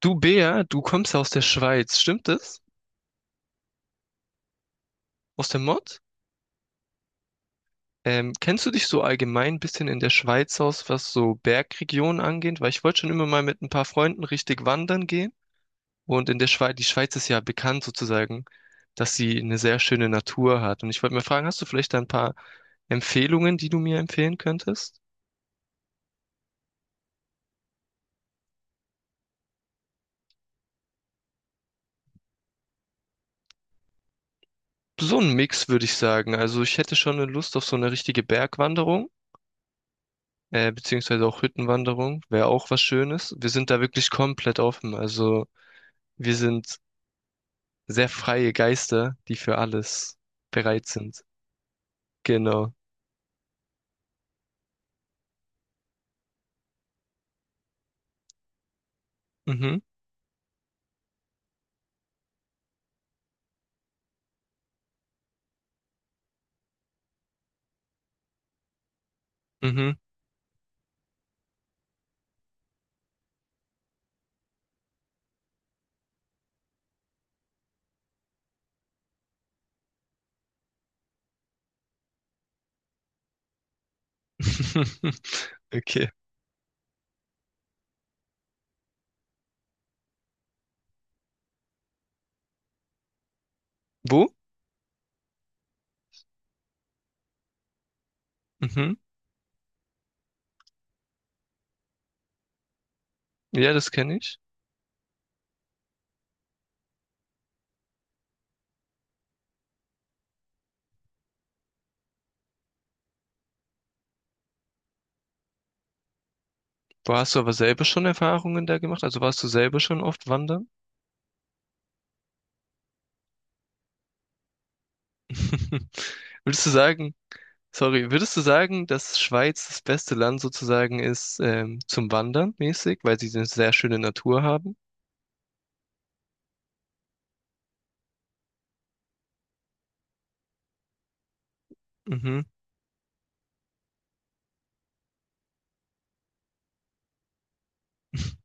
Du Bea, du kommst ja aus der Schweiz, stimmt das? Aus der Mod? Kennst du dich so allgemein ein bisschen in der Schweiz aus, was so Bergregionen angeht? Weil ich wollte schon immer mal mit ein paar Freunden richtig wandern gehen. Und in der Schweiz, die Schweiz ist ja bekannt sozusagen, dass sie eine sehr schöne Natur hat. Und ich wollte mal fragen, hast du vielleicht da ein paar Empfehlungen, die du mir empfehlen könntest? So ein Mix, würde ich sagen. Also ich hätte schon eine Lust auf so eine richtige Bergwanderung, beziehungsweise auch Hüttenwanderung, wäre auch was Schönes. Wir sind da wirklich komplett offen. Also wir sind sehr freie Geister, die für alles bereit sind. Genau. Mhm. Mhm. Okay. Wo? Mhm. Ja, das kenne ich. Wo hast du aber selber schon Erfahrungen da gemacht? Also warst du selber schon oft wandern? Würdest du sagen, Würdest du sagen, dass Schweiz das beste Land sozusagen ist, zum Wandern mäßig, weil sie eine sehr schöne Natur haben? Mhm.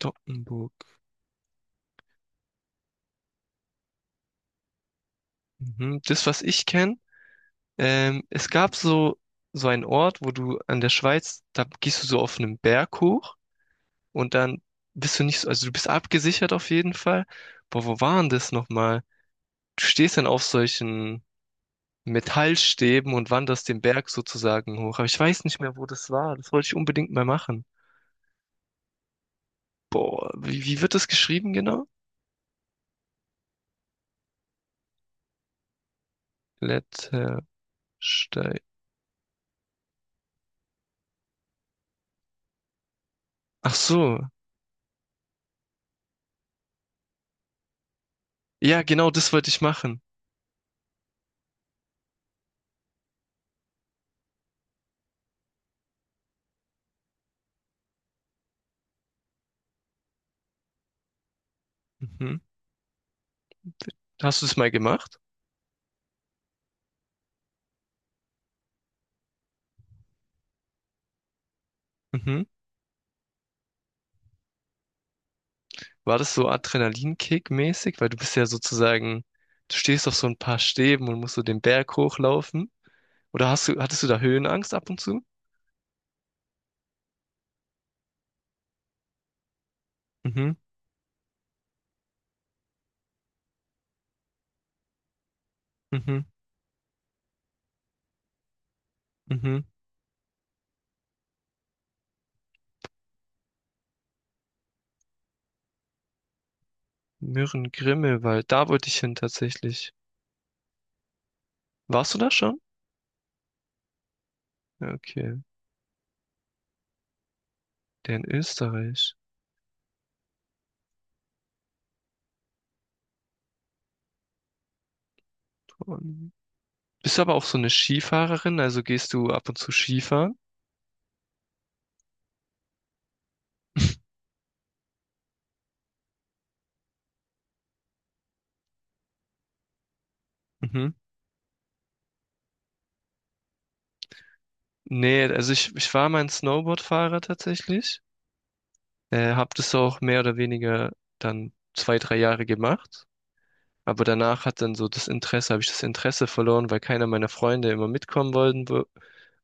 Doggenburg. Mhm. Das, was ich kenne. Es gab so einen Ort, wo du an der Schweiz, da gehst du so auf einen Berg hoch und dann bist du nicht so, also du bist abgesichert auf jeden Fall. Boah, wo war denn das nochmal? Du stehst dann auf solchen Metallstäben und wanderst den Berg sozusagen hoch. Aber ich weiß nicht mehr, wo das war. Das wollte ich unbedingt mal machen. Boah, wie wird das geschrieben genau? Klettersteig. Ach so. Ja, genau das wollte ich machen. Mhm. Hast du es mal gemacht? Mhm. War das so adrenalinkickmäßig? Weil du bist ja sozusagen, du stehst auf so ein paar Stäben und musst so den Berg hochlaufen. Oder hattest du da Höhenangst ab und zu? Mhm, mhm, mhm. Mürren-Grimmelwald, da wollte ich hin tatsächlich. Warst du da schon? Ja, okay, der in Österreich. Und bist du aber auch so eine Skifahrerin? Also gehst du ab und zu Skifahren? Mhm. Nee, also ich war mal ein Snowboardfahrer tatsächlich. Hab das auch mehr oder weniger dann 2, 3 Jahre gemacht. Aber danach hat dann so das Interesse, habe ich das Interesse verloren, weil keiner meiner Freunde immer mitkommen wollen,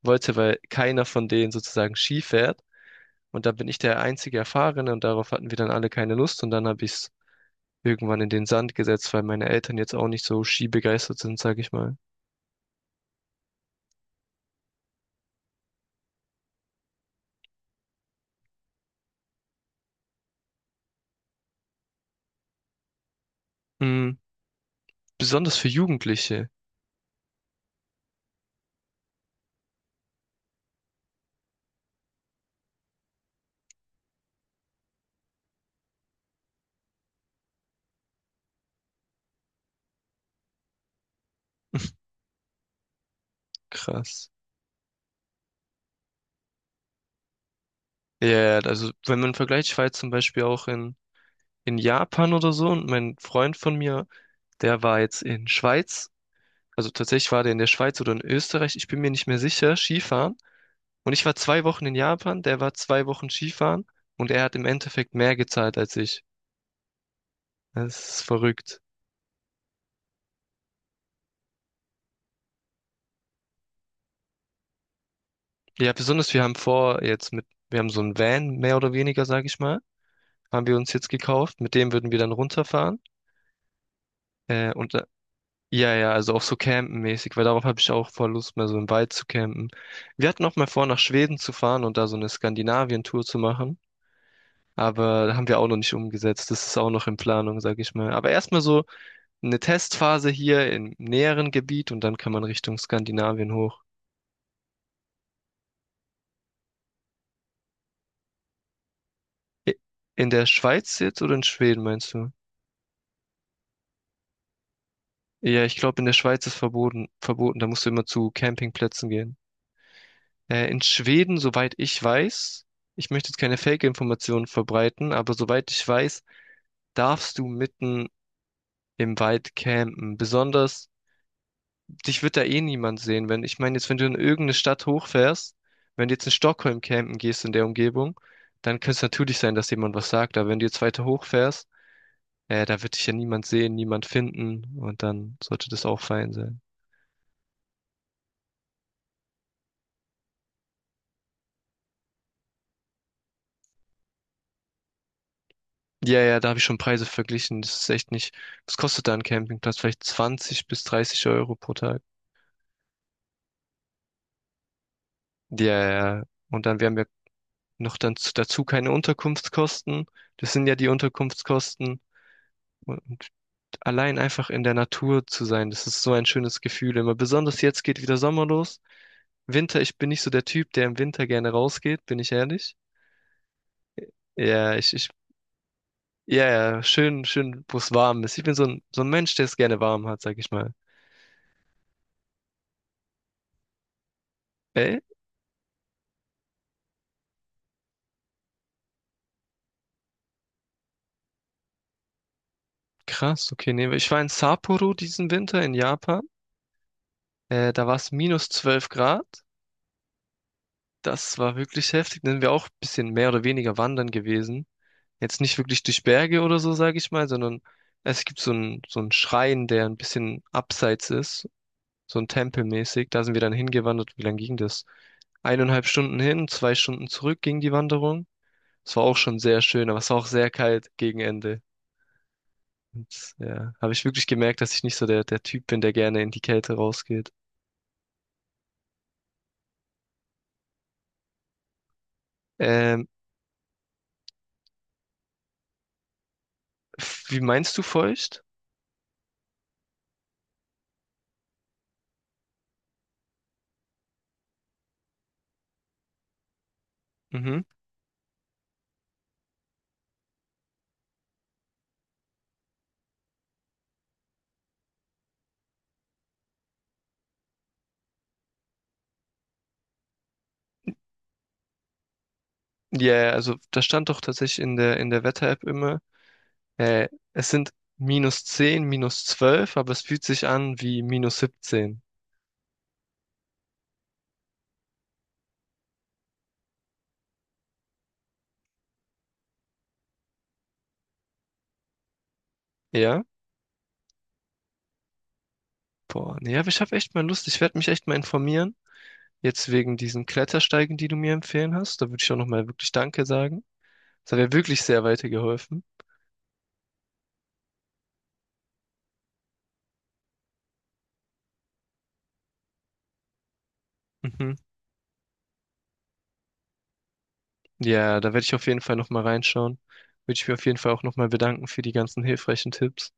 wollte, weil keiner von denen sozusagen Ski fährt. Und da bin ich der einzige Erfahrene und darauf hatten wir dann alle keine Lust und dann habe ich es irgendwann in den Sand gesetzt, weil meine Eltern jetzt auch nicht so skibegeistert sind, sage ich mal. Mm, besonders für Jugendliche. Krass. Ja, ja, also wenn man vergleicht, ich war jetzt zum Beispiel auch in Japan oder so, und mein Freund von mir, der war jetzt in Schweiz. Also tatsächlich war der in der Schweiz oder in Österreich, ich bin mir nicht mehr sicher, Skifahren. Und ich war 2 Wochen in Japan, der war 2 Wochen Skifahren und er hat im Endeffekt mehr gezahlt als ich. Das ist verrückt. Ja, besonders wir haben vor, wir haben so einen Van, mehr oder weniger, sag ich mal, haben wir uns jetzt gekauft. Mit dem würden wir dann runterfahren. Äh, und äh, ja, ja, also auch so campenmäßig, weil darauf habe ich auch voll Lust, mal so im Wald zu campen. Wir hatten auch mal vor, nach Schweden zu fahren und da so eine Skandinavien-Tour zu machen. Aber haben wir auch noch nicht umgesetzt. Das ist auch noch in Planung, sage ich mal. Aber erstmal so eine Testphase hier im näheren Gebiet und dann kann man Richtung Skandinavien hoch. I- In der Schweiz jetzt oder in Schweden, meinst du? Ja, ich glaube, in der Schweiz ist verboten, verboten. Da musst du immer zu Campingplätzen gehen. In Schweden, soweit ich weiß, ich möchte jetzt keine Fake-Informationen verbreiten, aber soweit ich weiß, darfst du mitten im Wald campen. Besonders dich wird da eh niemand sehen, wenn, ich meine, jetzt, wenn du in irgendeine Stadt hochfährst, wenn du jetzt in Stockholm campen gehst in der Umgebung, dann könnte es natürlich sein, dass jemand was sagt, aber wenn du jetzt weiter hochfährst, da wird dich ja niemand sehen, niemand finden, und dann sollte das auch fein sein. Ja, ja, da habe ich schon Preise verglichen. Das ist echt nicht. Was kostet da ein Campingplatz? Vielleicht 20 bis 30 Euro pro Tag. Ja, ja, ja. Und dann, wir haben ja noch dann dazu keine Unterkunftskosten. Das sind ja die Unterkunftskosten. Allein einfach in der Natur zu sein, das ist so ein schönes Gefühl immer. Besonders jetzt geht wieder Sommer los. Winter, ich bin nicht so der Typ, der im Winter gerne rausgeht, bin ich ehrlich. Ja, ja, ja, schön, schön, wo es warm ist. Ich bin so ein Mensch, der es gerne warm hat, sag ich mal. Ey, krass, okay, nee, ich war in Sapporo diesen Winter in Japan. Da war es -12 Grad. Das war wirklich heftig. Dann sind wir auch ein bisschen mehr oder weniger wandern gewesen. Jetzt nicht wirklich durch Berge oder so, sage ich mal, sondern es gibt so einen Schrein, der ein bisschen abseits ist, so ein Tempel mäßig. Da sind wir dann hingewandert. Wie lang ging das? 1,5 Stunden hin, 2 Stunden zurück ging die Wanderung. Es war auch schon sehr schön, aber es war auch sehr kalt gegen Ende. Und ja, habe ich wirklich gemerkt, dass ich nicht so der Typ bin, der gerne in die Kälte rausgeht. Ähm, Wie meinst du feucht? Mhm. Ja, also das stand doch tatsächlich in der Wetter-App immer. Äh, Es sind -10, -12, aber es fühlt sich an wie -17. Ja? Boah, nee, aber ich habe echt mal Lust. Ich werde mich echt mal informieren. Jetzt wegen diesen Klettersteigen, die du mir empfehlen hast. Da würde ich auch nochmal wirklich Danke sagen. Das hat mir wirklich sehr weitergeholfen. Mhm. Ja, da werde ich auf jeden Fall nochmal reinschauen. Würde ich mir auf jeden Fall auch nochmal bedanken für die ganzen hilfreichen Tipps.